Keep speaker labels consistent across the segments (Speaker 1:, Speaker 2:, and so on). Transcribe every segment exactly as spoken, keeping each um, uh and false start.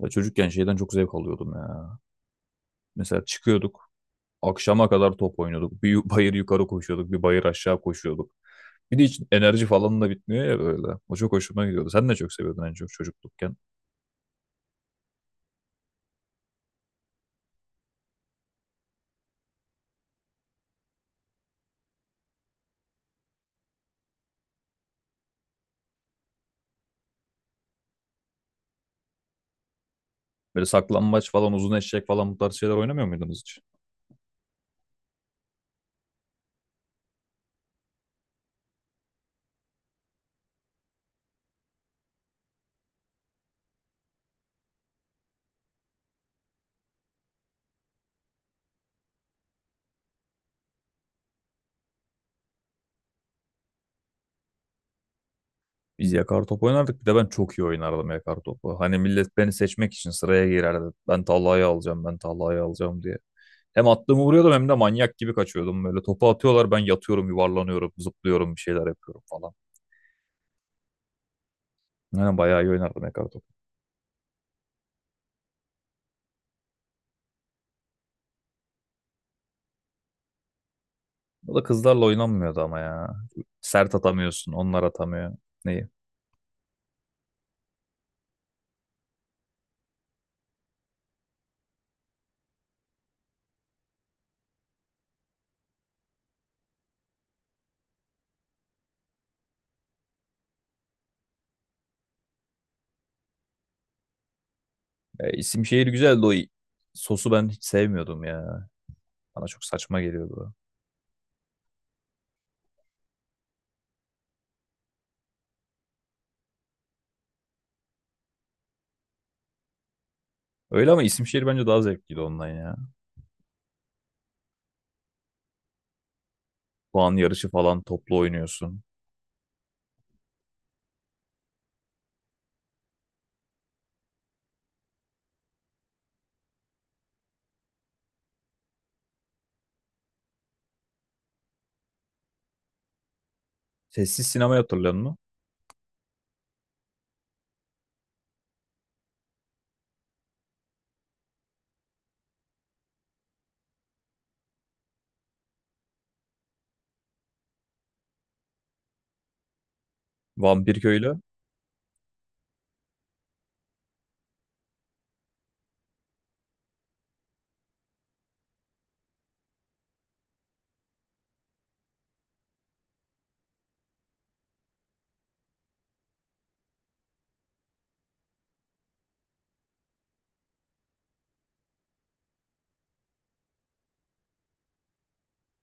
Speaker 1: Ya çocukken şeyden çok zevk alıyordum ya. Mesela çıkıyorduk, akşama kadar top oynuyorduk. Bir bayır yukarı koşuyorduk, bir bayır aşağı koşuyorduk. Bir de hiç enerji falan da bitmiyor ya böyle. O çok hoşuma gidiyordu. Sen ne çok seviyordun en çok çocuklukken. Böyle saklambaç falan, uzun eşek falan bu tarz şeyler oynamıyor muydunuz hiç? Biz yakar top oynardık. Bir de ben çok iyi oynardım yakar topu. Hani millet beni seçmek için sıraya girerdi. Ben tallayı alacağım, ben tallayı alacağım diye. Hem attığımı vuruyordum hem de manyak gibi kaçıyordum. Böyle topu atıyorlar ben yatıyorum, yuvarlanıyorum, zıplıyorum, bir şeyler yapıyorum falan. Yani bayağı iyi oynardı ne kadar top. O da kızlarla oynanmıyordu ama ya. Sert atamıyorsun, onlar atamıyor. Neyi? E, isim şehir güzeldi o. i- Sosu ben hiç sevmiyordum ya. Bana çok saçma geliyordu. Öyle ama isim şehir bence daha zevkliydi ondan ya. Puan yarışı falan toplu oynuyorsun. Sessiz sinema hatırlıyor musun? Vampir köylü.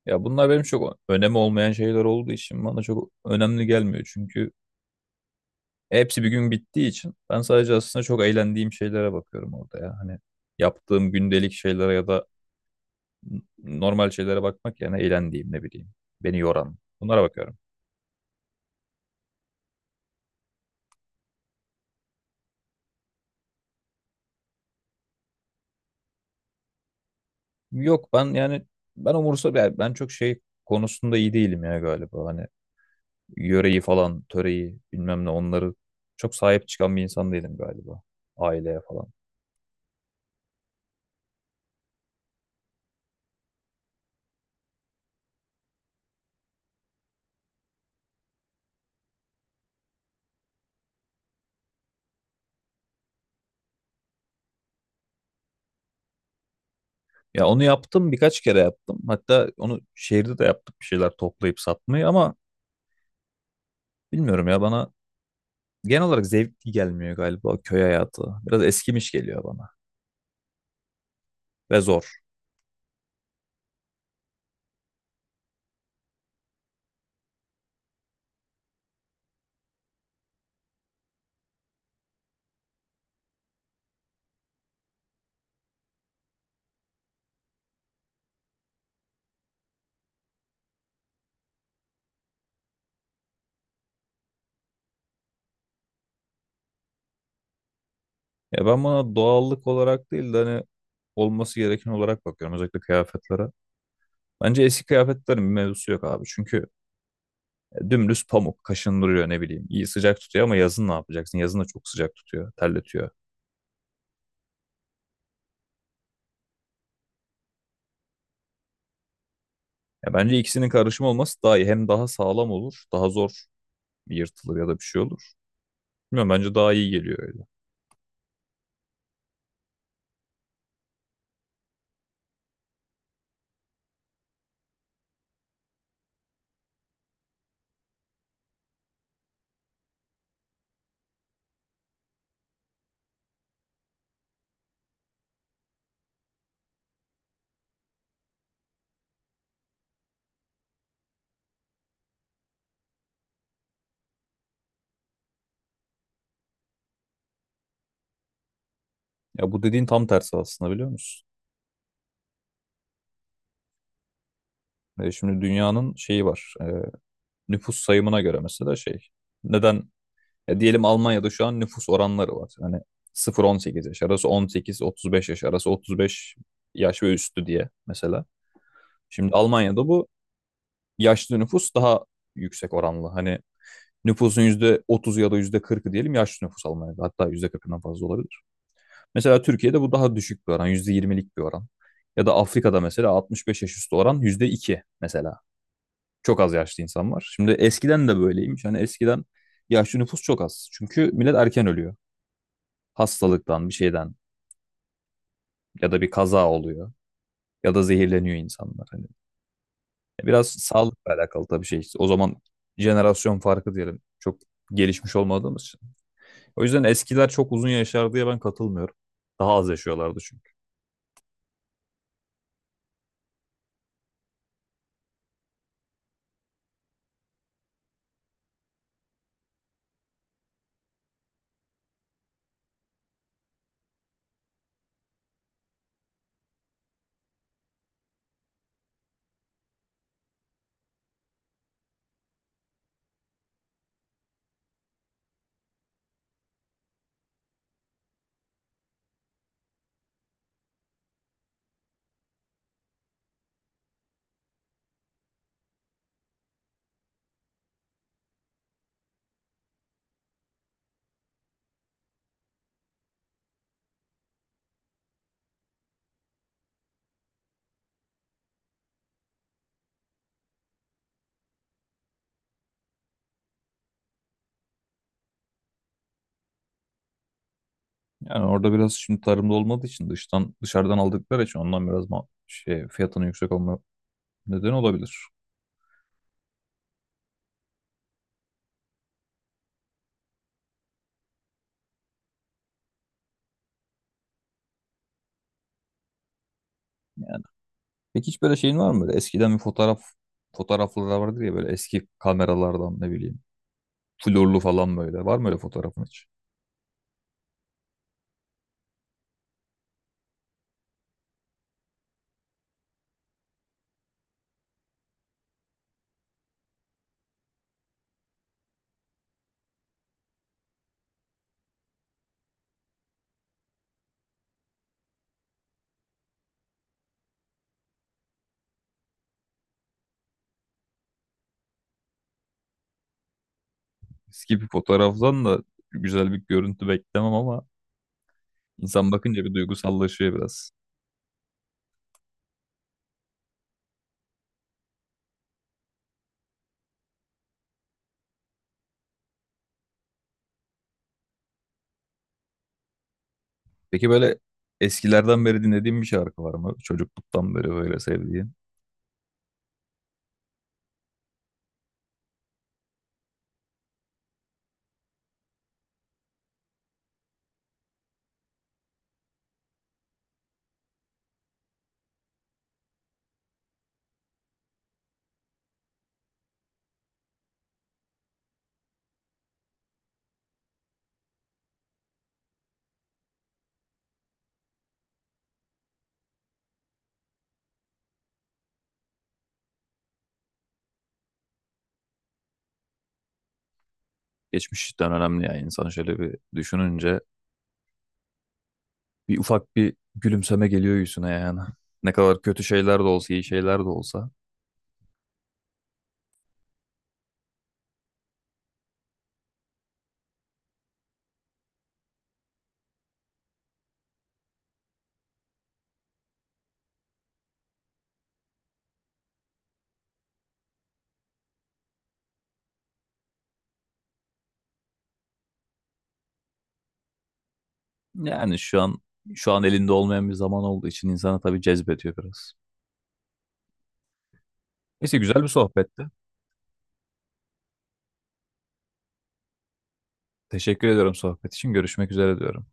Speaker 1: Ya bunlar benim çok önemi olmayan şeyler olduğu için bana çok önemli gelmiyor. Çünkü hepsi bir gün bittiği için ben sadece aslında çok eğlendiğim şeylere bakıyorum orada ya. Hani yaptığım gündelik şeylere ya da normal şeylere bakmak yerine eğlendiğim ne bileyim beni yoran bunlara bakıyorum. Yok ben yani ben umursa ben ben çok şey konusunda iyi değilim ya galiba hani yöreyi falan töreyi bilmem ne onları çok sahip çıkan bir insan değilim galiba aileye falan. Ya onu yaptım birkaç kere yaptım, hatta onu şehirde de yaptık, bir şeyler toplayıp satmayı, ama bilmiyorum ya, bana genel olarak zevkli gelmiyor galiba köy hayatı, biraz eskimiş geliyor bana ve zor. Ya ben buna doğallık olarak değil de hani olması gereken olarak bakıyorum, özellikle kıyafetlere. Bence eski kıyafetlerin bir mevzusu yok abi. Çünkü e, dümdüz pamuk kaşındırıyor ne bileyim. İyi sıcak tutuyor ama yazın ne yapacaksın? Yazın da çok sıcak tutuyor, terletiyor. Ya bence ikisinin karışımı olması daha iyi. Hem daha sağlam olur, daha zor yırtılır ya da bir şey olur. Bilmiyorum, bence daha iyi geliyor öyle. Ya bu dediğin tam tersi aslında, biliyor musun? E, şimdi dünyanın şeyi var. E, nüfus sayımına göre mesela şey. Neden Ya diyelim Almanya'da şu an nüfus oranları var. Hani sıfır on sekiz yaş arası, on sekiz otuz beş yaş arası, otuz beş yaş ve üstü diye mesela. Şimdi Almanya'da bu yaşlı nüfus daha yüksek oranlı. Hani nüfusun yüzde otuz ya da yüzde kırkı diyelim yaşlı nüfus Almanya'da. Hatta yüzde kırkından fazla olabilir. Mesela Türkiye'de bu daha düşük bir oran, yüzde yirmilik bir oran. Ya da Afrika'da mesela altmış beş yaş üstü oran yüzde iki mesela. Çok az yaşlı insan var. Şimdi eskiden de böyleymiş. Hani eskiden yaşlı nüfus çok az. Çünkü millet erken ölüyor, hastalıktan bir şeyden, ya da bir kaza oluyor, ya da zehirleniyor insanlar hani. Biraz sağlıkla alakalı tabii şey, o zaman. Jenerasyon farkı diyelim. Çok gelişmiş olmadığımız için. O yüzden eskiler çok uzun yaşar diye ben katılmıyorum. Daha az yaşıyorlardı çünkü. Yani orada biraz şimdi tarımda olmadığı için, dıştan dışarıdan aldıkları için, ondan biraz ma- şey fiyatının yüksek olma nedeni olabilir. Yani peki hiç böyle şeyin var mı, böyle eskiden bir fotoğraf fotoğrafları vardır ya, böyle eski kameralardan ne bileyim florlu falan, böyle var mı öyle fotoğrafın hiç? Eski bir fotoğraftan da güzel bir görüntü beklemem ama insan bakınca bir duygusallaşıyor biraz. Peki böyle eskilerden beri dinlediğin bir şarkı var mı? Çocukluktan beri böyle sevdiğin. Geçmişten önemli yani, insan şöyle bir düşününce bir ufak bir gülümseme geliyor yüzüne yani. Ne kadar kötü şeyler de olsa, iyi şeyler de olsa. Yani şu an şu an elinde olmayan bir zaman olduğu için insana tabii cezbediyor biraz. Neyse, güzel bir sohbetti. Teşekkür ediyorum sohbet için. Görüşmek üzere diyorum.